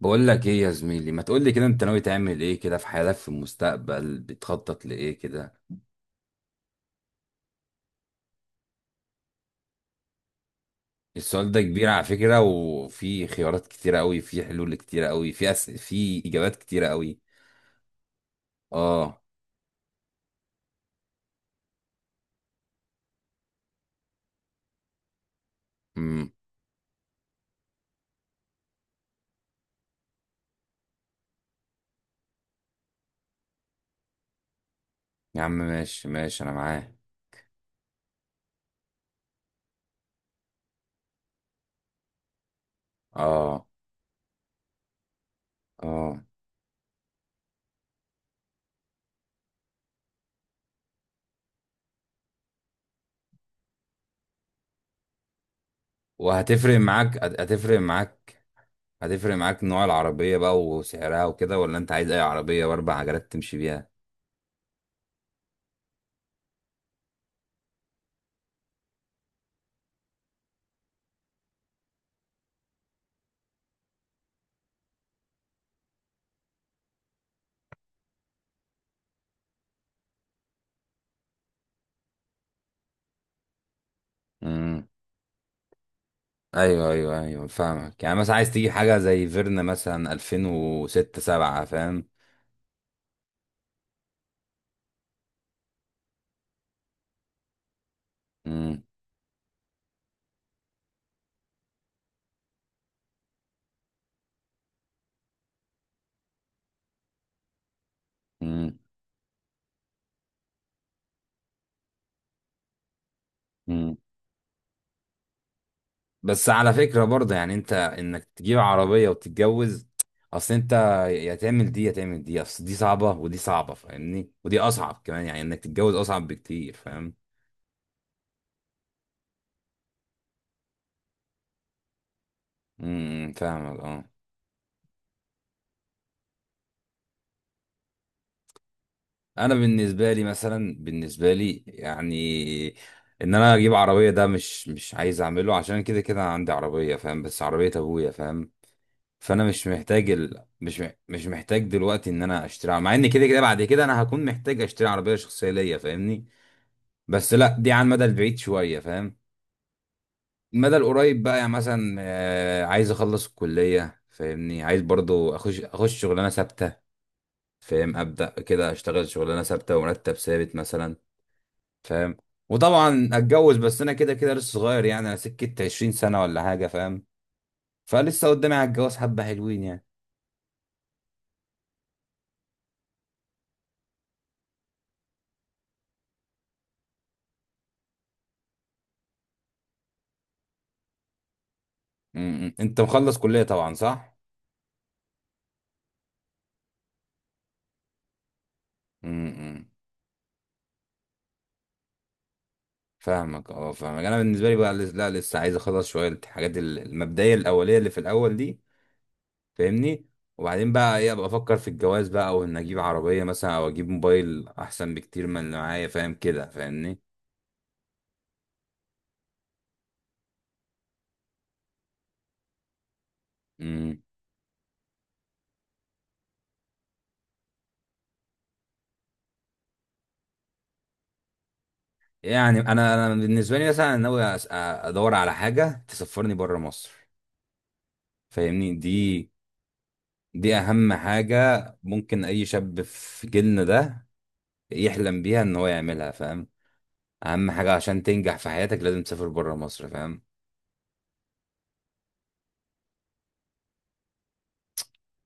بقول لك ايه يا زميلي، ما تقول لي كده، انت ناوي تعمل ايه كده في حياتك؟ في المستقبل بتخطط لايه كده؟ السؤال ده كبير على فكرة، وفي خيارات كتيرة قوي، في حلول كتيرة قوي، في اجابات كتيرة قوي. اه. امم يا عم ماشي ماشي، انا معاه. اه، اه. هتفرق معاك هتفرق معاك نوع العربية بقى وسعرها وكده، ولا انت عايز اي عربية باربع عجلات تمشي بيها؟ امم. ايوه، ايوه، ايوه، فاهمك. يعني مثلا عايز تجيب حاجه زي فيرنا مثلا 2006، 7، فاهم. مم، مم، مم. بس على فكره برضه، يعني انت انك تجيب عربيه وتتجوز، اصل انت يا تعمل دي يا تعمل دي، اصل دي صعبه ودي صعبه فاهمني، ودي اصعب كمان، يعني انك تتجوز اصعب بكتير فاهم. امم فاهمك اه. انا بالنسبه لي مثلا، بالنسبه لي يعني ان انا اجيب عربيه ده مش عايز اعمله، عشان كده كده أنا عندي عربيه فاهم، بس عربيه ابويا فاهم. فانا مش محتاج ال... مش مح- مش محتاج دلوقتي ان انا اشتري عربية. مع ان كده كده بعد كده انا هكون محتاج اشتري عربيه شخصيه ليا فاهمني. بس لا، دي على المدى البعيد شويه فاهم. المدى القريب بقى، يعني مثلا عايز اخلص الكليه فاهمني، عايز برضو اخش شغلانه ثابته. فاهم ابدا كده، اشتغل شغلانه ثابته ومرتب ثابت مثلا، فاهم. وطبعا اتجوز، بس انا كده كده لسه صغير، يعني انا سكه 20 سنه ولا حاجه فاهم. فلسه قدامي على الجواز حبه حلوين يعني. م- م. انت مخلص كليه طبعا، صح؟ امم فاهمك اه، فاهمك. انا بالنسبه لي بقى، لا لسه عايز اخلص شويه الحاجات المبدئيه الاوليه اللي في الاول دي، فاهمني. وبعدين بقى ايه، ابقى افكر في الجواز بقى، او ان اجيب عربيه مثلا، او اجيب موبايل احسن بكتير من اللي معايا فاهم كده، فاهمني. امم يعني انا بالنسبه لي مثلا، ناوي ادور على حاجه تسفرني بره مصر فاهمني. دي اهم حاجه ممكن اي شاب في جيلنا ده يحلم بيها ان هو يعملها فاهم. اهم حاجه عشان تنجح في حياتك، لازم تسافر بره مصر فاهم.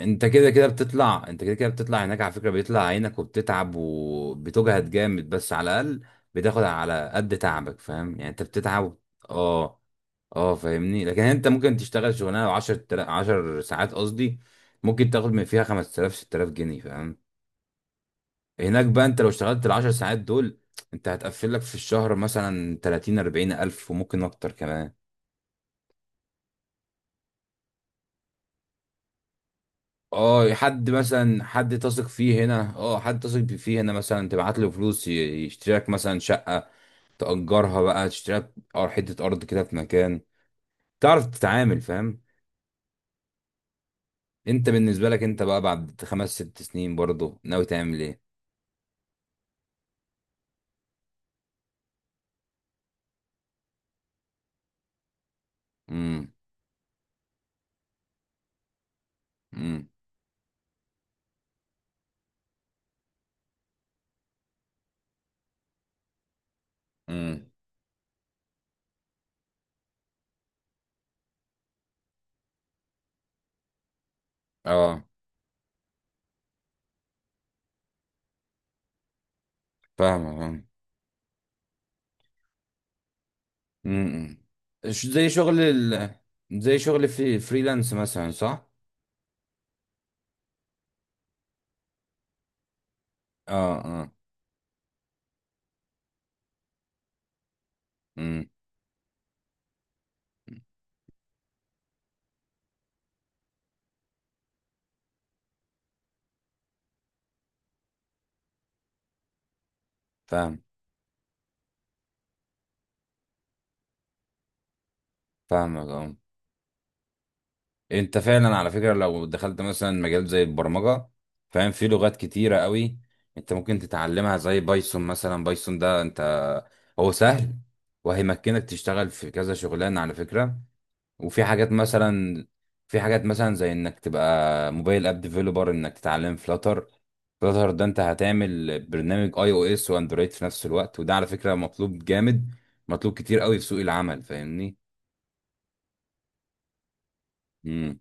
انت كده كده بتطلع هناك على فكره، بيطلع عينك وبتتعب وبتجهد جامد، بس على الاقل بتاخد على قد تعبك فاهم، يعني انت بتتعب اه، اه، فاهمني. لكن انت ممكن تشتغل شغلانه 10 ساعات قصدي، ممكن تاخد من فيها 5000، 6000 جنيه فاهم. هناك بقى انت لو اشتغلت ال 10 ساعات دول، انت هتقفل لك في الشهر مثلا 30، 40 الف وممكن اكتر كمان. اه، حد مثلا، حد تثق فيه هنا، اه حد تثق فيه هنا مثلا تبعت له فلوس يشتريلك مثلا شقة تأجرها بقى، تشتريلك حتة أرض كده في مكان تعرف تتعامل فاهم. انت بالنسبة لك انت بقى بعد 5 6 سنين برضه ناوي تعمل ايه؟ امم امم امم اه فاهمة فاهم. امم زي شغل زي شغل في فريلانس مثلا، صح؟ اه، اه. امم فاهم، فاهمك اه. انت فعلا على فكرة، لو دخلت مثلا مجال زي البرمجة فاهم، في لغات كتيرة قوي انت ممكن تتعلمها زي بايثون مثلا. بايثون ده انت هو سهل، وهيمكنك تشتغل في كذا شغلانة على فكرة. وفي حاجات مثلا، زي انك تبقى موبايل اب ديفلوبر، انك تتعلم فلاتر. فلاتر ده انت هتعمل برنامج اي او اس واندرويد في نفس الوقت، وده على فكرة مطلوب جامد، مطلوب كتير قوي في سوق العمل فاهمني. امم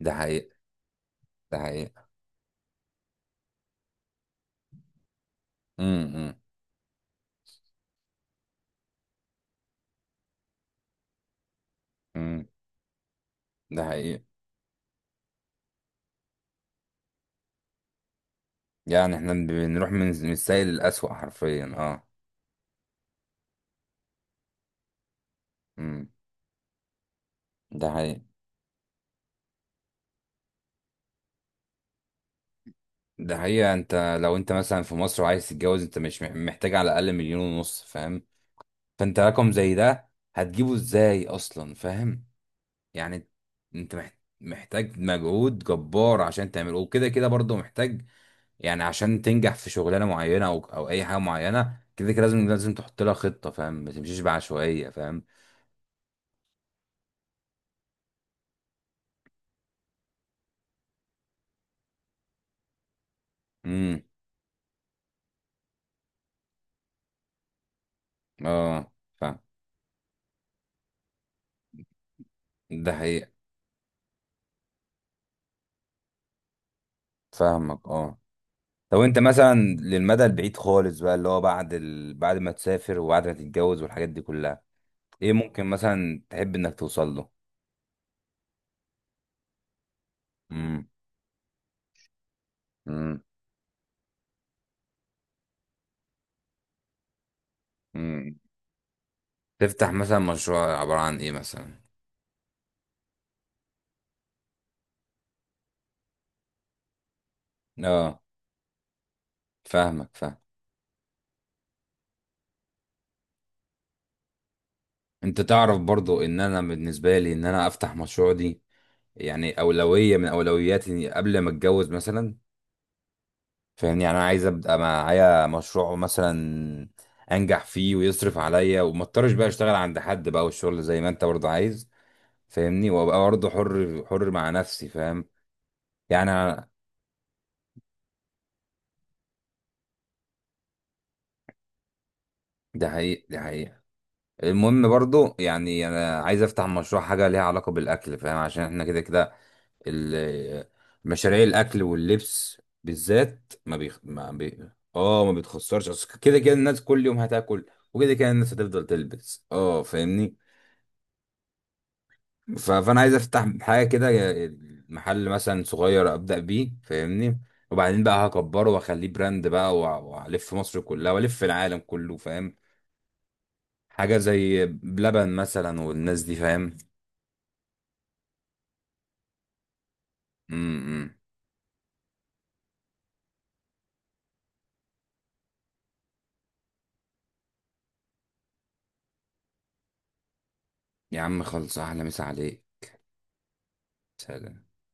ده حقيقة، ده حقيقة. امم امم ده حقيقي. يعني احنا بنروح من السيء للأسوأ حرفيا، اه. امم ده حقيقي، ده حقيقي. انت لو انت مثلا في مصر وعايز تتجوز، انت مش محتاج على الأقل 1.5 مليون فاهم. فانت رقم زي ده هتجيبه ازاي أصلا فاهم؟ يعني انت محتاج مجهود جبار عشان تعمله، وكده كده برضه محتاج يعني. عشان تنجح في شغلانة معينة أو أي حاجة معينة، كده كده لازم تحط لها خطة فاهم، ما تمشيش بعشوائية فاهم. امم اه فاهم. ده حقيقي. فاهمك اه. طب انت مثلا للمدى البعيد خالص بقى اللي هو بعد بعد ما تسافر وبعد ما تتجوز والحاجات دي كلها، ايه ممكن مثلا تحب انك توصل له؟ امم مم. مم. تفتح مثلا مشروع عبارة عن ايه مثلا؟ اه، فاهمك فاهم. انت تعرف برضو ان انا بالنسبة لي ان انا افتح مشروع دي يعني اولوية من اولوياتي قبل ما اتجوز مثلا، فاهمني. يعني انا عايز ابقى معايا مشروع مثلا انجح فيه ويصرف عليا، وما اضطرش بقى اشتغل عند حد بقى، والشغل زي ما انت برضه عايز، فاهمني. وابقى برضه حر حر مع نفسي فاهم. يعني أنا- ده حقيقي، ده حقيقي. المهم برضه يعني انا عايز افتح مشروع حاجه ليها علاقه بالاكل فاهم، عشان احنا كده كده ال- مشاريع الاكل واللبس بالذات ما بيخ... ما بي... اه ما بتخسرش. أصل كده كده الناس كل يوم هتاكل، وكده كده الناس هتفضل تلبس اه، فاهمني. فانا عايز افتح حاجه كده، محل مثلا صغير ابدا بيه، فاهمني. وبعدين بقى هكبره واخليه براند بقى والف مصر كلها والف العالم كله فاهم. حاجه زي بلبن مثلا والناس دي فاهم. امم يا عم خلص، احلى مسا عليك. سلام.